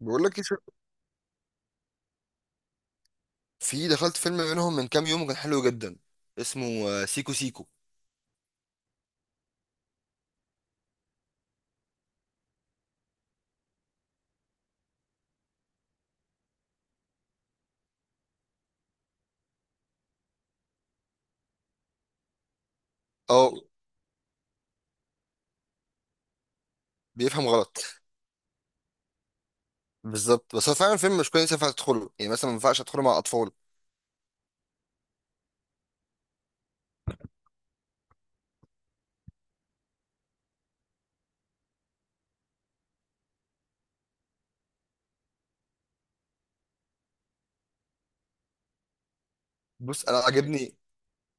بقول لك إيه، في دخلت فيلم منهم من كام يوم كان حلو جدا. اسمه سيكو سيكو. اه بيفهم غلط. بالظبط، بس هو فعلا فيلم مش كويس ينفع تدخله، يعني مثلا ما ينفعش ادخله مع اطفال. بص، انا عجبني.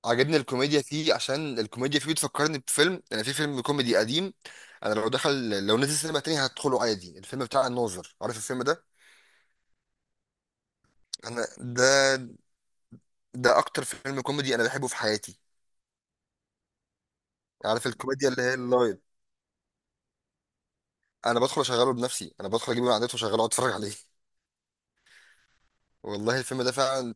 عجبني الكوميديا فيه عشان الكوميديا فيه بتفكرني بفيلم. انا في فيلم كوميدي قديم. انا لو دخل، لو نزل سينما تاني هدخله عادي، الفيلم بتاع الناظر. عارف الفيلم ده؟ انا ده اكتر فيلم كوميدي انا بحبه في حياتي. عارف الكوميديا اللي هي اللايت؟ انا بدخل اشغله بنفسي، انا بدخل اجيبه من على النت واشغله واتفرج عليه. والله الفيلم ده فعلا.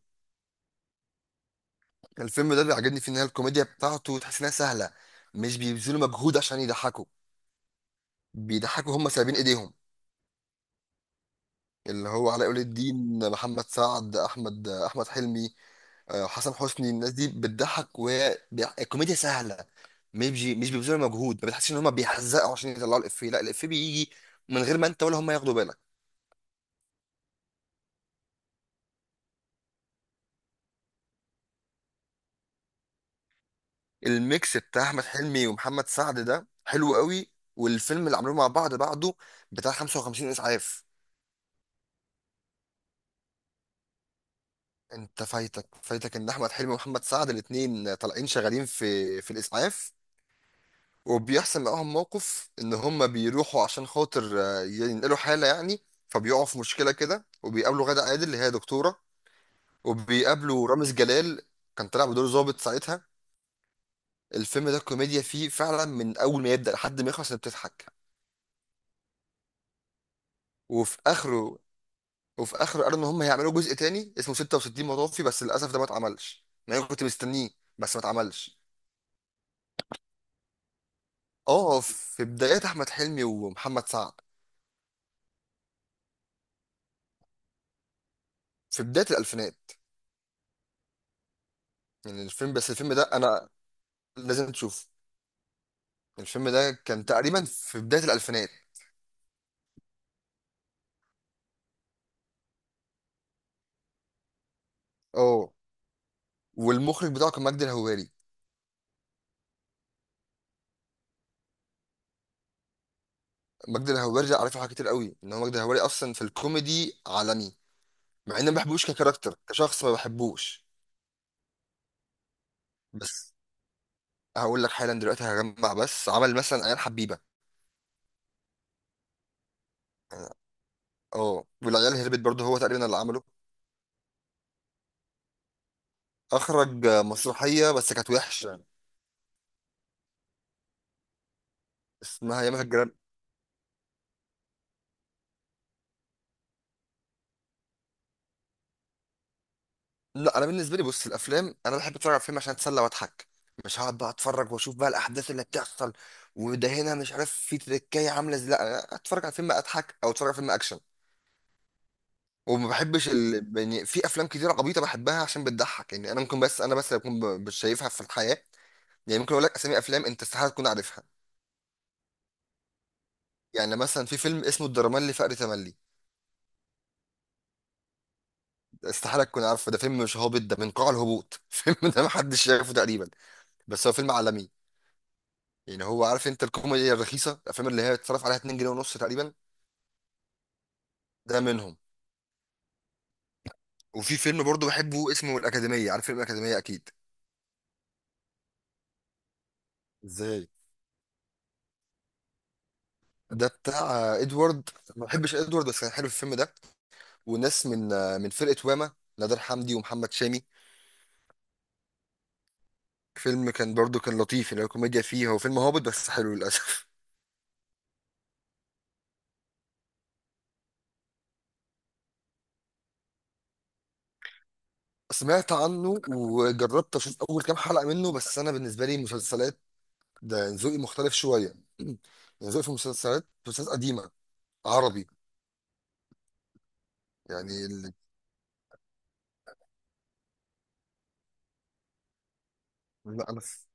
كان الفيلم ده اللي عجبني فيه ان هي الكوميديا بتاعته تحس انها سهله. مش بيبذلوا مجهود عشان يضحكوا. بيضحكوا هم سايبين ايديهم. اللي هو علاء ولي الدين، محمد سعد، احمد حلمي. حسن حسني. الناس دي بتضحك وهي الكوميديا سهله. مش بيبذلوا مجهود. ما بتحسش ان هم بيحزقوا عشان يطلعوا الافيه، لا الافيه بيجي من غير ما انت ولا هم ياخدوا بالك. الميكس بتاع احمد حلمي ومحمد سعد ده حلو قوي. والفيلم اللي عملوه مع بعض بعده بتاع 55 اسعاف. انت فايتك ان احمد حلمي ومحمد سعد الاتنين طالعين شغالين في الاسعاف. وبيحصل معاهم موقف ان هم بيروحوا عشان خاطر ينقلوا حاله يعني، فبيقعوا في مشكله كده، وبيقابلوا غادة عادل اللي هي دكتوره. وبيقابلوا رامز جلال، كان طالع بدور ظابط ساعتها. الفيلم ده الكوميديا فيه فعلا من اول ما يبدا لحد ما يخلص انت بتضحك. وفي اخره. وفي اخره قالوا ان هم هيعملوا جزء تاني اسمه 66 مطافي، بس للاسف ده ما اتعملش، يعني انا كنت مستنيه. بس ما اتعملش. اه، في بدايات احمد حلمي ومحمد سعد. في بدايه الالفينات يعني الفيلم. بس الفيلم ده انا لازم تشوفه. الفيلم ده كان تقريبا في بدايه الالفينات. اه، والمخرج بتاعه كان مجدي الهواري. مجدي الهواري ده عارفه حاجات كتير قوي، ان هو مجدي الهواري اصلا في الكوميدي عالمي. مع اني ما بحبوش ككاركتر، كشخص ما بحبوش. بس هقول لك حالا دلوقتي هجمع. بس عمل مثلا عيال حبيبه. اه، والعيال هربت برضه، هو تقريبا اللي عمله. اخرج مسرحيه بس كانت وحشه، اسمها ياما في الجيران. لا، انا بالنسبه لي بص، الافلام انا بحب اتفرج على فيلم عشان اتسلى واضحك. مش هقعد بقى اتفرج واشوف بقى الاحداث اللي بتحصل، وده هنا مش عارف في تركايه عامله ازاي. لا، أنا اتفرج على فيلم اضحك او اتفرج على فيلم اكشن. وما بحبش يعني في افلام كتيره عبيطه بحبها عشان بتضحك، يعني انا ممكن. بس انا بس اللي اكون مش شايفها في الحياه. يعني ممكن اقول لك اسامي افلام انت استحاله تكون عارفها. يعني مثلا في فيلم اسمه الدرمالي فقر تملي. ده استحاله تكون عارفه، ده فيلم مش هابط، ده من قاع الهبوط فيلم ده محدش شايفه تقريبا. بس هو فيلم عالمي. يعني هو عارف انت الكوميديا الرخيصه، الافلام اللي هي اتفرج عليها 2 جنيه ونص تقريبا. ده منهم. وفي فيلم برضو بحبه اسمه الاكاديميه. عارف فيلم الاكاديميه اكيد؟ ازاي؟ ده بتاع ادوارد. ما بحبش ادوارد، بس كان حلو الفيلم ده. وناس من من فرقه واما، نادر حمدي ومحمد شامي. فيلم كان برضو كان لطيف يعني، الكوميديا فيه، هو فيلم هابط بس حلو للاسف. سمعت عنه وجربت اشوف اول كام حلقه منه، بس انا بالنسبه لي مسلسلات، ده ذوقي مختلف شويه يعني. ذوقي في المسلسلات مسلسلات قديمه، عربي. يعني لا، انا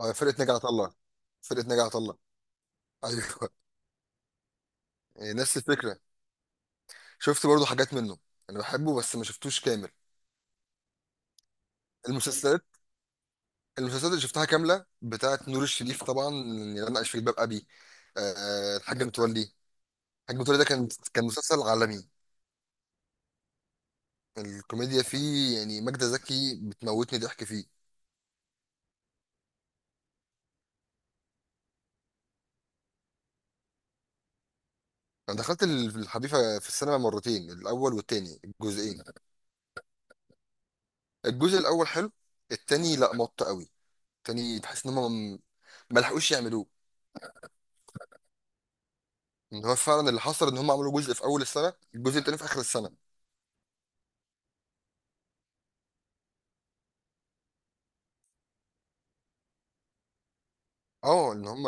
فرقه نجا عطله. فرقه نجا عطله. ايوه. نفس الفكره. شفت برضو حاجات منه. انا بحبه بس ما شفتوش كامل. المسلسلات. المسلسلات اللي شفتها كامله بتاعت نور الشريف طبعا، اللي انا عايش في جلباب ابي. الحاج متولي. الحاج متولي ده كان مسلسل عالمي. الكوميديا فيه يعني ماجدة زكي بتموتني ضحك فيه. انا دخلت الحريفه في السينما مرتين، الاول والتاني، الجزئين. الجزء الاول حلو. التاني لا، مط قوي. التاني بحس ان هم ما لحقوش يعملوه. ان هو فعلا اللي حصل ان هم عملوا جزء في اول السنه، الجزء التاني في اخر السنه. اه، ان هم.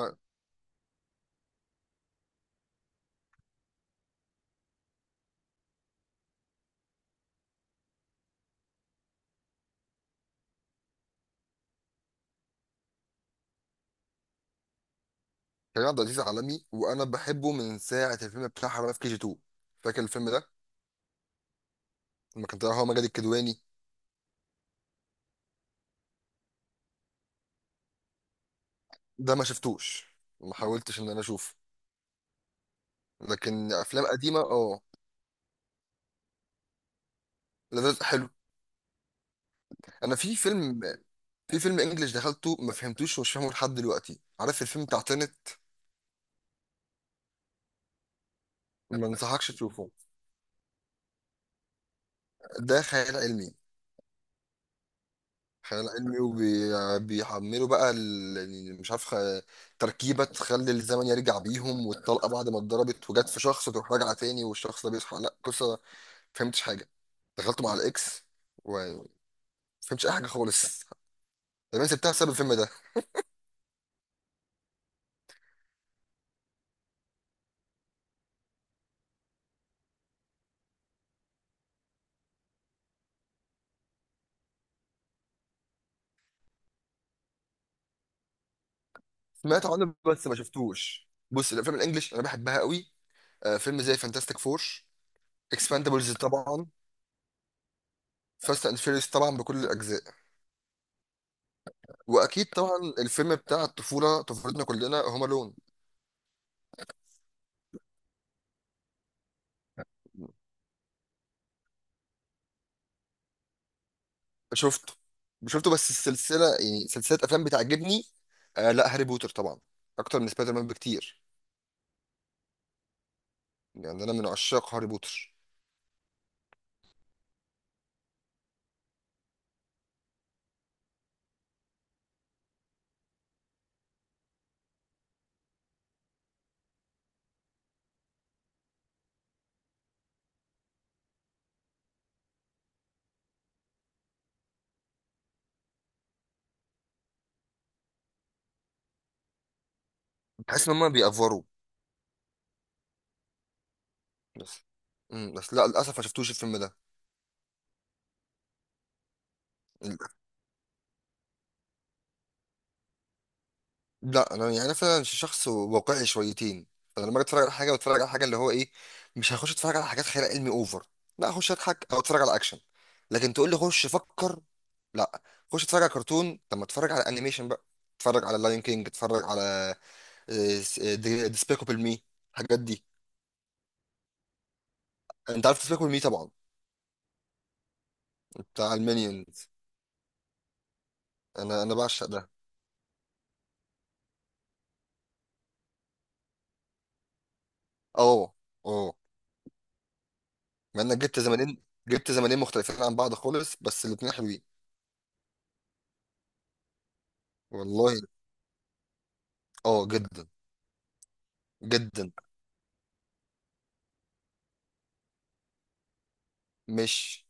كريم عبد العزيز عالمي، وانا بحبه من ساعه الفيلم بتاع حرامية في كي جي 2. فاكر الفيلم ده؟ لما كان طالع هو مجدي الكدواني. ده ما شفتوش، ما حاولتش ان انا اشوفه. لكن افلام قديمه اه. لذيذ حلو. انا في فيلم انجليش دخلته، ما فهمتوش ومش فاهمه لحد دلوقتي. عارف الفيلم بتاع تنت؟ ما انصحكش تشوفه. ده خيال علمي. خيال علمي وبيحملوا بقى يعني مش عارف تركيبة تخلي الزمن يرجع بيهم، والطلقة بعد ما اتضربت وجت في شخص تروح راجعة تاني والشخص ده بيصحى، لا قصة ما فهمتش حاجة. دخلت مع الإكس وما فهمتش أي حاجة خالص. طب أنا سبتها بسبب الفيلم ده. سمعت عنه بس ما شفتوش. بص، الأفلام الإنجليش أنا بحبها قوي. فيلم زي فانتاستيك فور، اكسباندبلز طبعا، فاست اند فيريوس طبعا بكل الاجزاء. واكيد طبعا الفيلم بتاع الطفوله، طفولتنا كلنا، هوم الون. شفته. شفته بس السلسله، يعني سلسله افلام بتعجبني. آه لا، هاري بوتر طبعا اكتر من سبايدر مان بكتير. يعني انا من عشاق هاري بوتر. بحس ان هم بيأفوروا بس. امم، بس لا للاسف ما شفتوش الفيلم ده. لا، انا يعني فعلا شخص واقعي شويتين. فانا لما أجي اتفرج على حاجه بتفرج على حاجه اللي هو ايه. مش هخش اتفرج على حاجات خيال علمي اوفر. لا، اخش اضحك او اتفرج على اكشن. لكن تقول لي خش فكر، لا. خش اتفرج على كرتون، طب ما اتفرج على انيميشن بقى. اتفرج على لاين كينج، اتفرج على ديسبيكابل مي، الحاجات دي. انت عارف ديسبيكابل مي طبعا، بتاع المينيونز. انا بعشق ده. اه، اه. مع انك جبت زمانين مختلفين عن بعض خالص بس الاتنين حلوين. والله، اه جدا. جدا. مش